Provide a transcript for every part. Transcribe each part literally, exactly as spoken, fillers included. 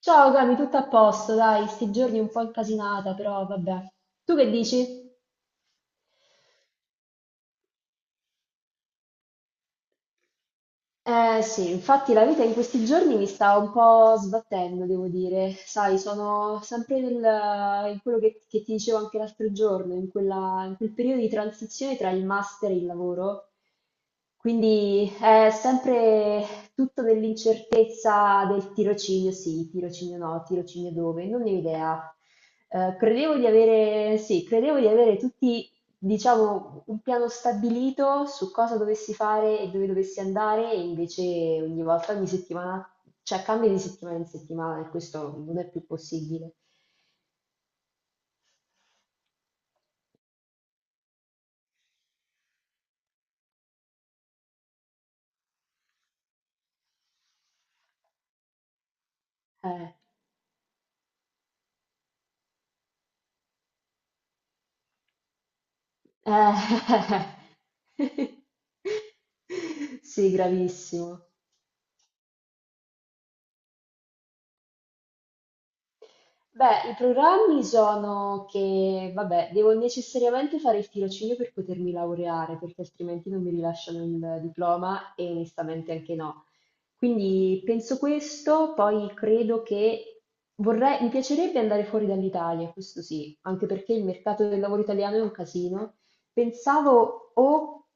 Ciao Cami, tutto a posto, dai, sti giorni un po' incasinata, però vabbè. Tu che dici? Eh sì, infatti la vita in questi giorni mi sta un po' sbattendo, devo dire. Sai, sono sempre nel, in quello che, che ti dicevo anche l'altro giorno, in quella- in quel periodo di transizione tra il master e il lavoro. Quindi è sempre tutto nell'incertezza del tirocinio sì, tirocinio no, tirocinio dove, non ne ho idea. Eh, credevo di avere, sì, credevo di avere tutti diciamo, un piano stabilito su cosa dovessi fare e dove dovessi andare, e invece ogni volta, ogni settimana, cioè cambia di settimana in settimana e questo non è più possibile. Eh, eh. Sì, gravissimo. Beh, i programmi sono che, vabbè, devo necessariamente fare il tirocinio per potermi laureare, perché altrimenti non mi rilasciano il diploma e onestamente anche no. Quindi penso questo, poi credo che vorrei, mi piacerebbe andare fuori dall'Italia, questo sì, anche perché il mercato del lavoro italiano è un casino. Pensavo o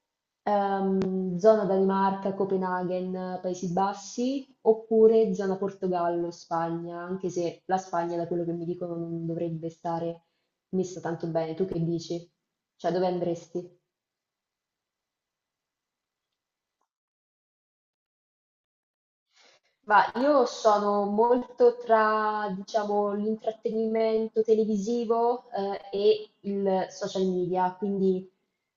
ehm, zona Danimarca, Copenaghen, Paesi Bassi, oppure zona Portogallo, Spagna, anche se la Spagna, da quello che mi dicono, non dovrebbe stare messa tanto bene. Tu che dici? Cioè, dove andresti? Ma io sono molto tra, diciamo, l'intrattenimento televisivo, eh, e il social media, quindi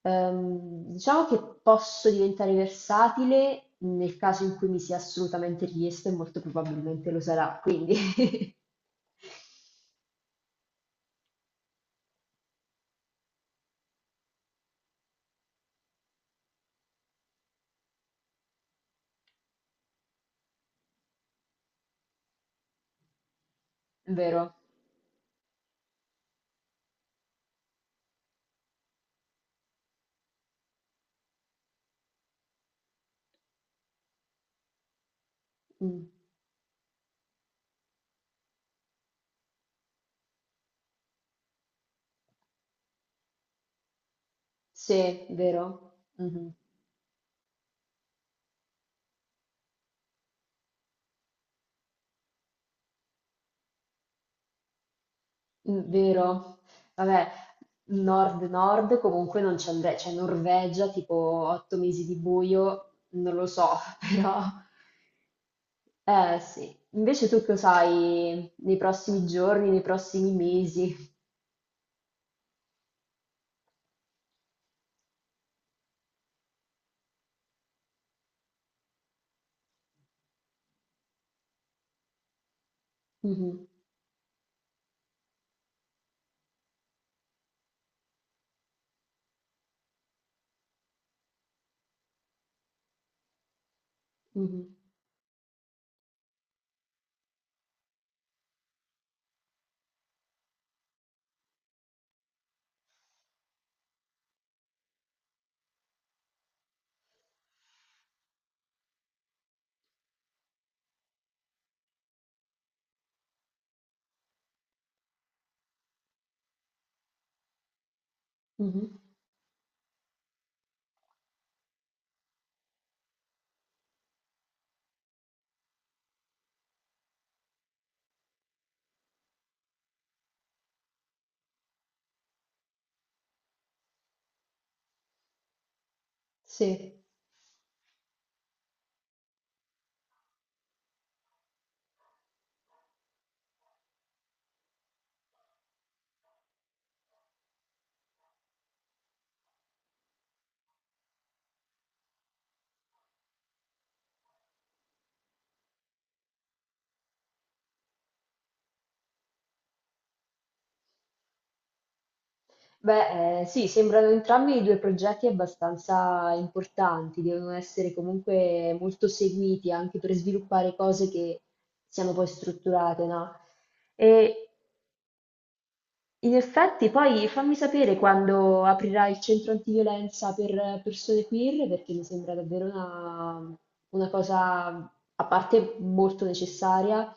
ehm, diciamo che posso diventare versatile nel caso in cui mi sia assolutamente richiesto e molto probabilmente lo sarà, quindi. Vero. Mm. Sì, vero. Mm-hmm. Mm, vero? Vabbè, nord-nord comunque non ci andrei, cioè Norvegia tipo otto mesi di buio, non lo so. Però eh sì. Invece tu cosa sai nei prossimi giorni, nei prossimi mesi? Mhm, mhm, mhm. Sì. Beh, eh, sì, sembrano entrambi due progetti abbastanza importanti, devono essere comunque molto seguiti anche per sviluppare cose che siano poi strutturate, no? E in effetti, poi fammi sapere quando aprirà il centro antiviolenza per persone queer, perché mi sembra davvero una, una cosa, a parte molto necessaria,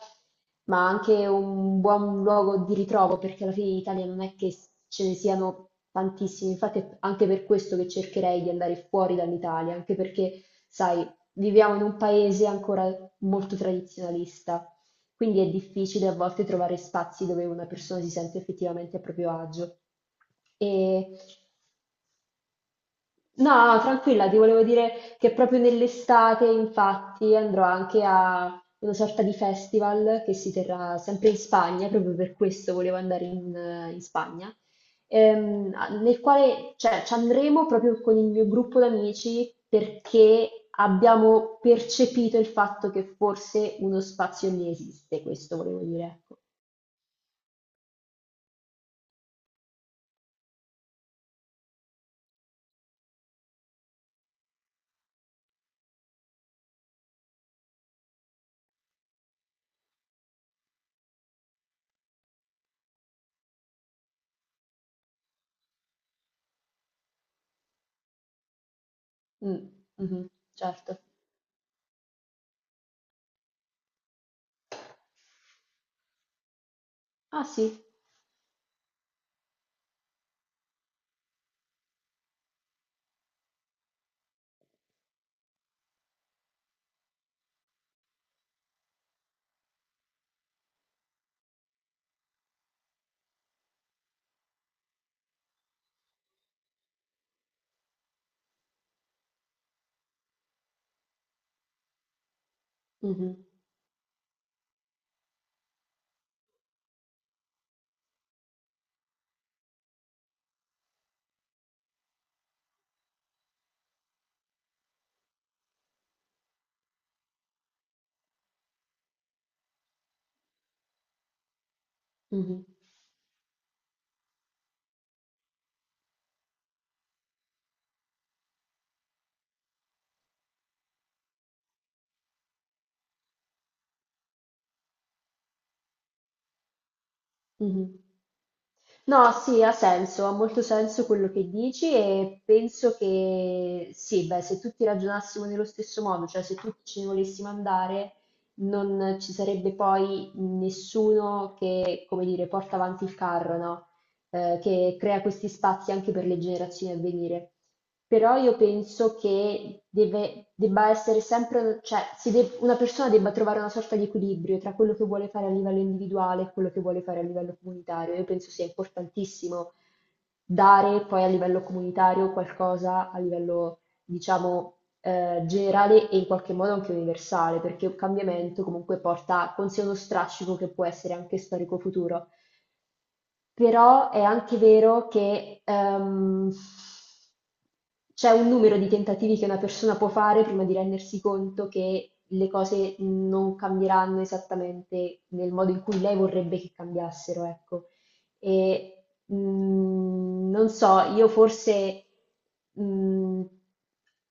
ma anche un buon luogo di ritrovo, perché alla fine in Italia non è che ce ne siano tantissimi. Infatti, è anche per questo che cercherei di andare fuori dall'Italia, anche perché, sai, viviamo in un paese ancora molto tradizionalista. Quindi è difficile a volte trovare spazi dove una persona si sente effettivamente a proprio agio. E... No, tranquilla, ti volevo dire che proprio nell'estate, infatti, andrò anche a una sorta di festival che si terrà sempre in Spagna, proprio per questo volevo andare in, eh, in Spagna, ehm, a- nel quale, cioè, ci andremo proprio con il mio gruppo d'amici perché abbiamo percepito il fatto che forse uno spazio lì esiste, questo volevo dire, ecco. Mh, mh-mh, certo. Ah sì, mh-mh, mh-mh, mh-mh. No, sì, ha senso, ha molto senso quello che dici e penso che sì, beh, se tutti ragionassimo nello stesso modo, cioè se tutti ce ne volessimo andare, non ci sarebbe poi nessuno che, come dire, porta avanti il carro, no? Eh, che crea questi spazi anche per le generazioni a venire. Però io penso che deve, debba essere sempre, cioè si de- una persona debba trovare una sorta di equilibrio tra quello che vuole fare a livello individuale e quello che vuole fare a livello comunitario. Io penso sia importantissimo dare poi a livello comunitario qualcosa a livello, diciamo, eh, generale e in qualche modo anche universale, perché un cambiamento comunque porta con sé uno strascico che può essere anche storico futuro. Però è anche vero che ehm, c'è un numero di tentativi che una persona può fare prima di rendersi conto che le cose non cambieranno esattamente nel modo in cui lei vorrebbe che cambiassero, ecco. E mh, non so, io forse mh,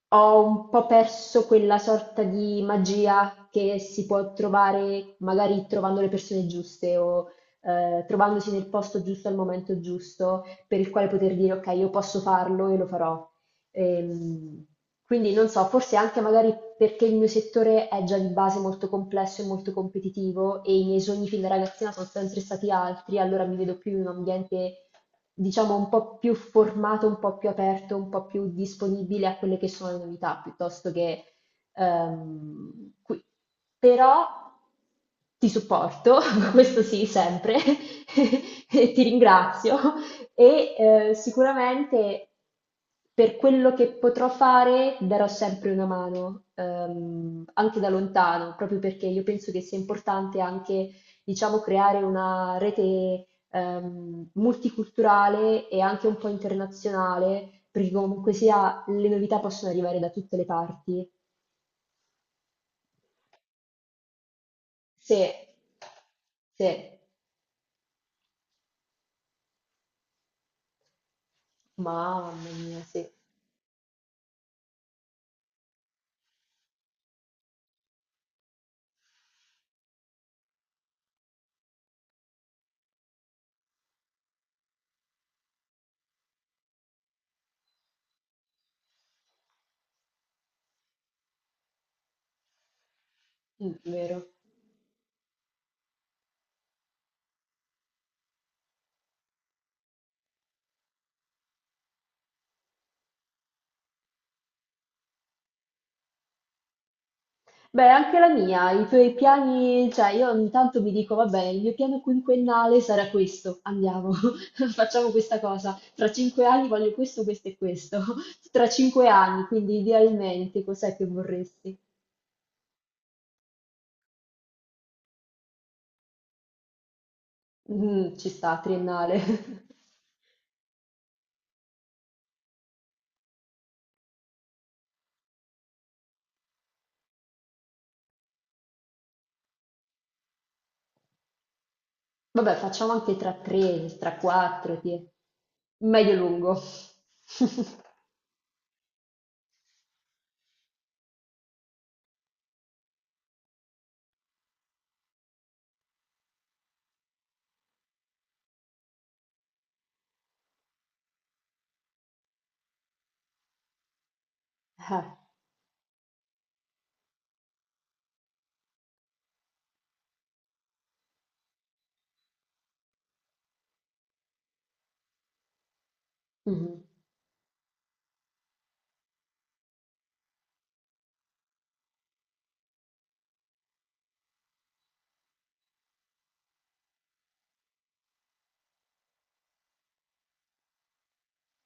ho un po' perso quella sorta di magia che si può trovare magari trovando le persone giuste o eh, trovandosi nel posto giusto al momento giusto, per il quale poter dire ok, io posso farlo e lo farò. Ehm, quindi non so, forse anche magari perché il mio settore è già di base molto complesso e molto competitivo e i miei sogni fin da ragazzina sono sempre stati altri, allora mi vedo più in un ambiente, diciamo, un po' più formato, un po' più aperto, un po' più disponibile a quelle che sono le novità, piuttosto che ehm, qui. Però ti supporto, questo sì, sempre, e ti ringrazio e eh, sicuramente per quello che potrò fare darò sempre una mano, ehm, anche da lontano, proprio perché io penso che sia importante anche, diciamo, creare una rete ehm, multiculturale e anche un po' internazionale, perché comunque sia le novità possono arrivare da tutte le parti. Sì, sì, mamma mia, sì, Mm, vero. Beh, anche la mia, i tuoi piani, cioè io ogni tanto mi dico, vabbè, il mio piano quinquennale sarà questo, andiamo, facciamo questa cosa, tra cinque anni voglio questo, questo e questo, tra cinque anni, quindi idealmente cos'è che vorresti? Mm, ci sta, triennale. Vabbè, facciamo anche tra tre, tra quattro, ti- medio lungo. Eh, mhm,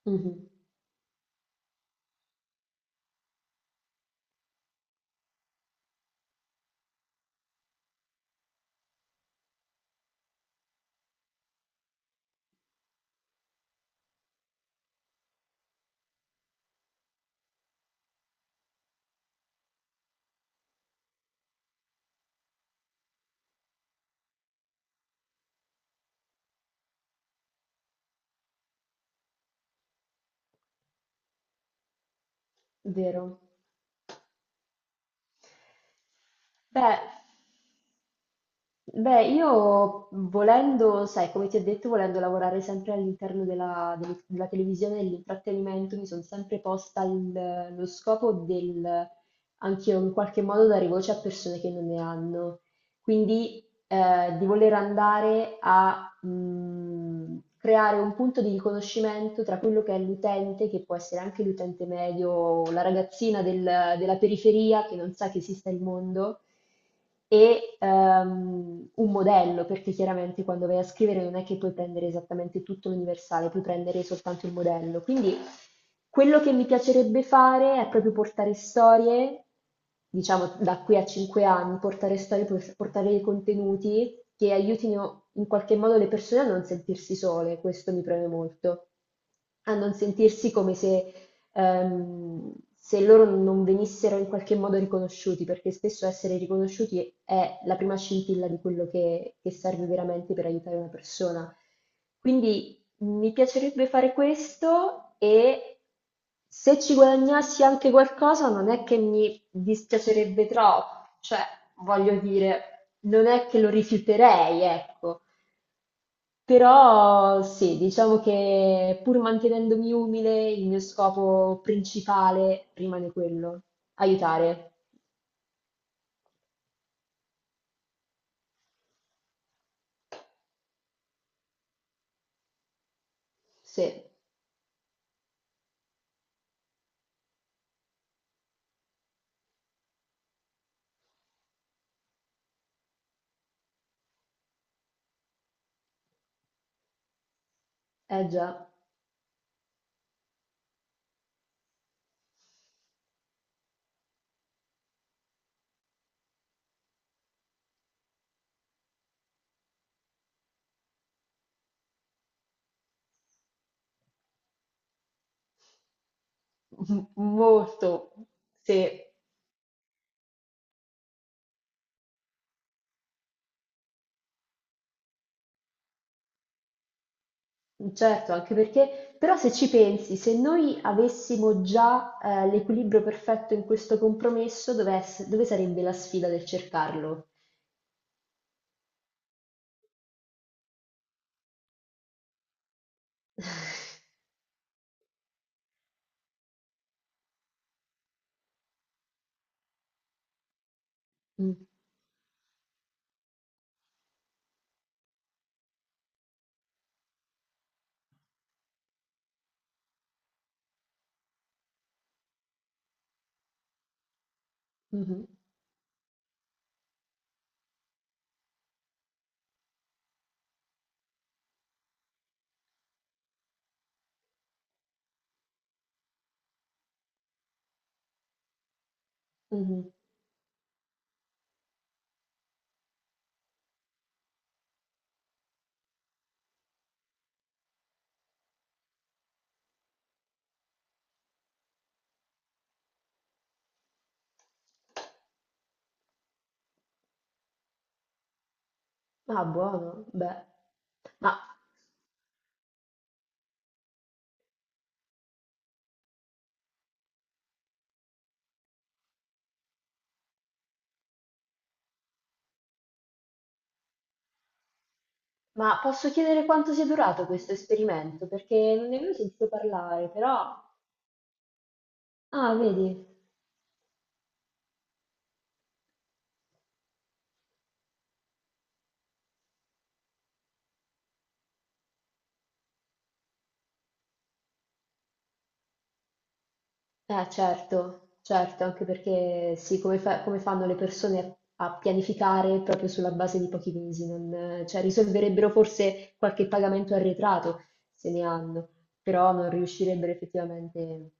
mhm, vero. Beh. Beh, io volendo, sai, come ti ho detto, volendo lavorare sempre all'interno della, del- della televisione e dell'intrattenimento, mi sono sempre posta il- lo scopo del, anche io in qualche modo, dare voce a persone che non ne hanno. Quindi eh, di voler andare a mh, creare un punto di riconoscimento tra quello che è l'utente, che può essere anche l'utente medio o la ragazzina del- della periferia che non sa che esista il mondo, e ehm, un modello, perché chiaramente quando vai a scrivere non è che puoi prendere esattamente tutto l'universale, puoi prendere soltanto il modello. Quindi quello che mi piacerebbe fare è proprio portare storie diciamo, da qui a cinque anni, portare storie, por- portare dei contenuti che aiutino in qualche modo le persone a non sentirsi sole, questo mi preme molto, a non sentirsi come se, ehm, se loro non venissero in qualche modo riconosciuti, perché spesso essere riconosciuti è la prima scintilla di quello che, che serve veramente per aiutare una persona. Quindi mi piacerebbe fare questo e se ci guadagnassi anche qualcosa non è che mi dispiacerebbe troppo, cioè voglio dire, non è che lo rifiuterei, ecco. Però sì, diciamo che pur mantenendomi umile, il mio scopo principale rimane quello, aiutare. Sì, è già. Molto, sì. Certo, anche perché, però se ci pensi, se noi avessimo già eh, l'equilibrio perfetto in questo compromesso, dove, ess- dove sarebbe la sfida del cercarlo? Mm, mhm, mhm. Ah, buono, beh. Ma, ma posso chiedere quanto sia durato questo esperimento? Perché non ne avevo sentito parlare, però... Ah, vedi. Eh, certo, certo, anche perché sì, come, fa- come fanno le persone a, a pianificare proprio sulla base di pochi mesi? Non- cioè, risolverebbero forse qualche pagamento arretrato, se ne hanno, però non riuscirebbero effettivamente.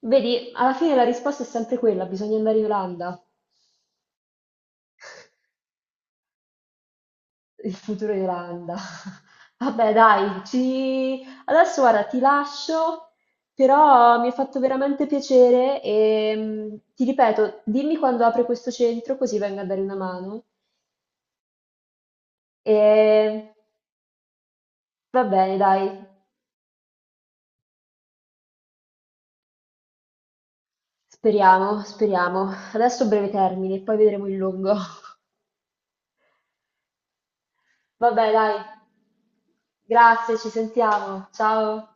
Vedi, alla fine la risposta è sempre quella, bisogna andare in Olanda. Il futuro di Irlanda. Vabbè, dai, ci... adesso guarda, ti lascio, però mi ha fatto veramente piacere e mm, ti ripeto, dimmi quando apre questo centro così vengo a dare una mano. E va bene, dai, speriamo, speriamo. Adesso breve termine, poi vedremo il lungo. Vabbè, dai, grazie, ci sentiamo. Ciao.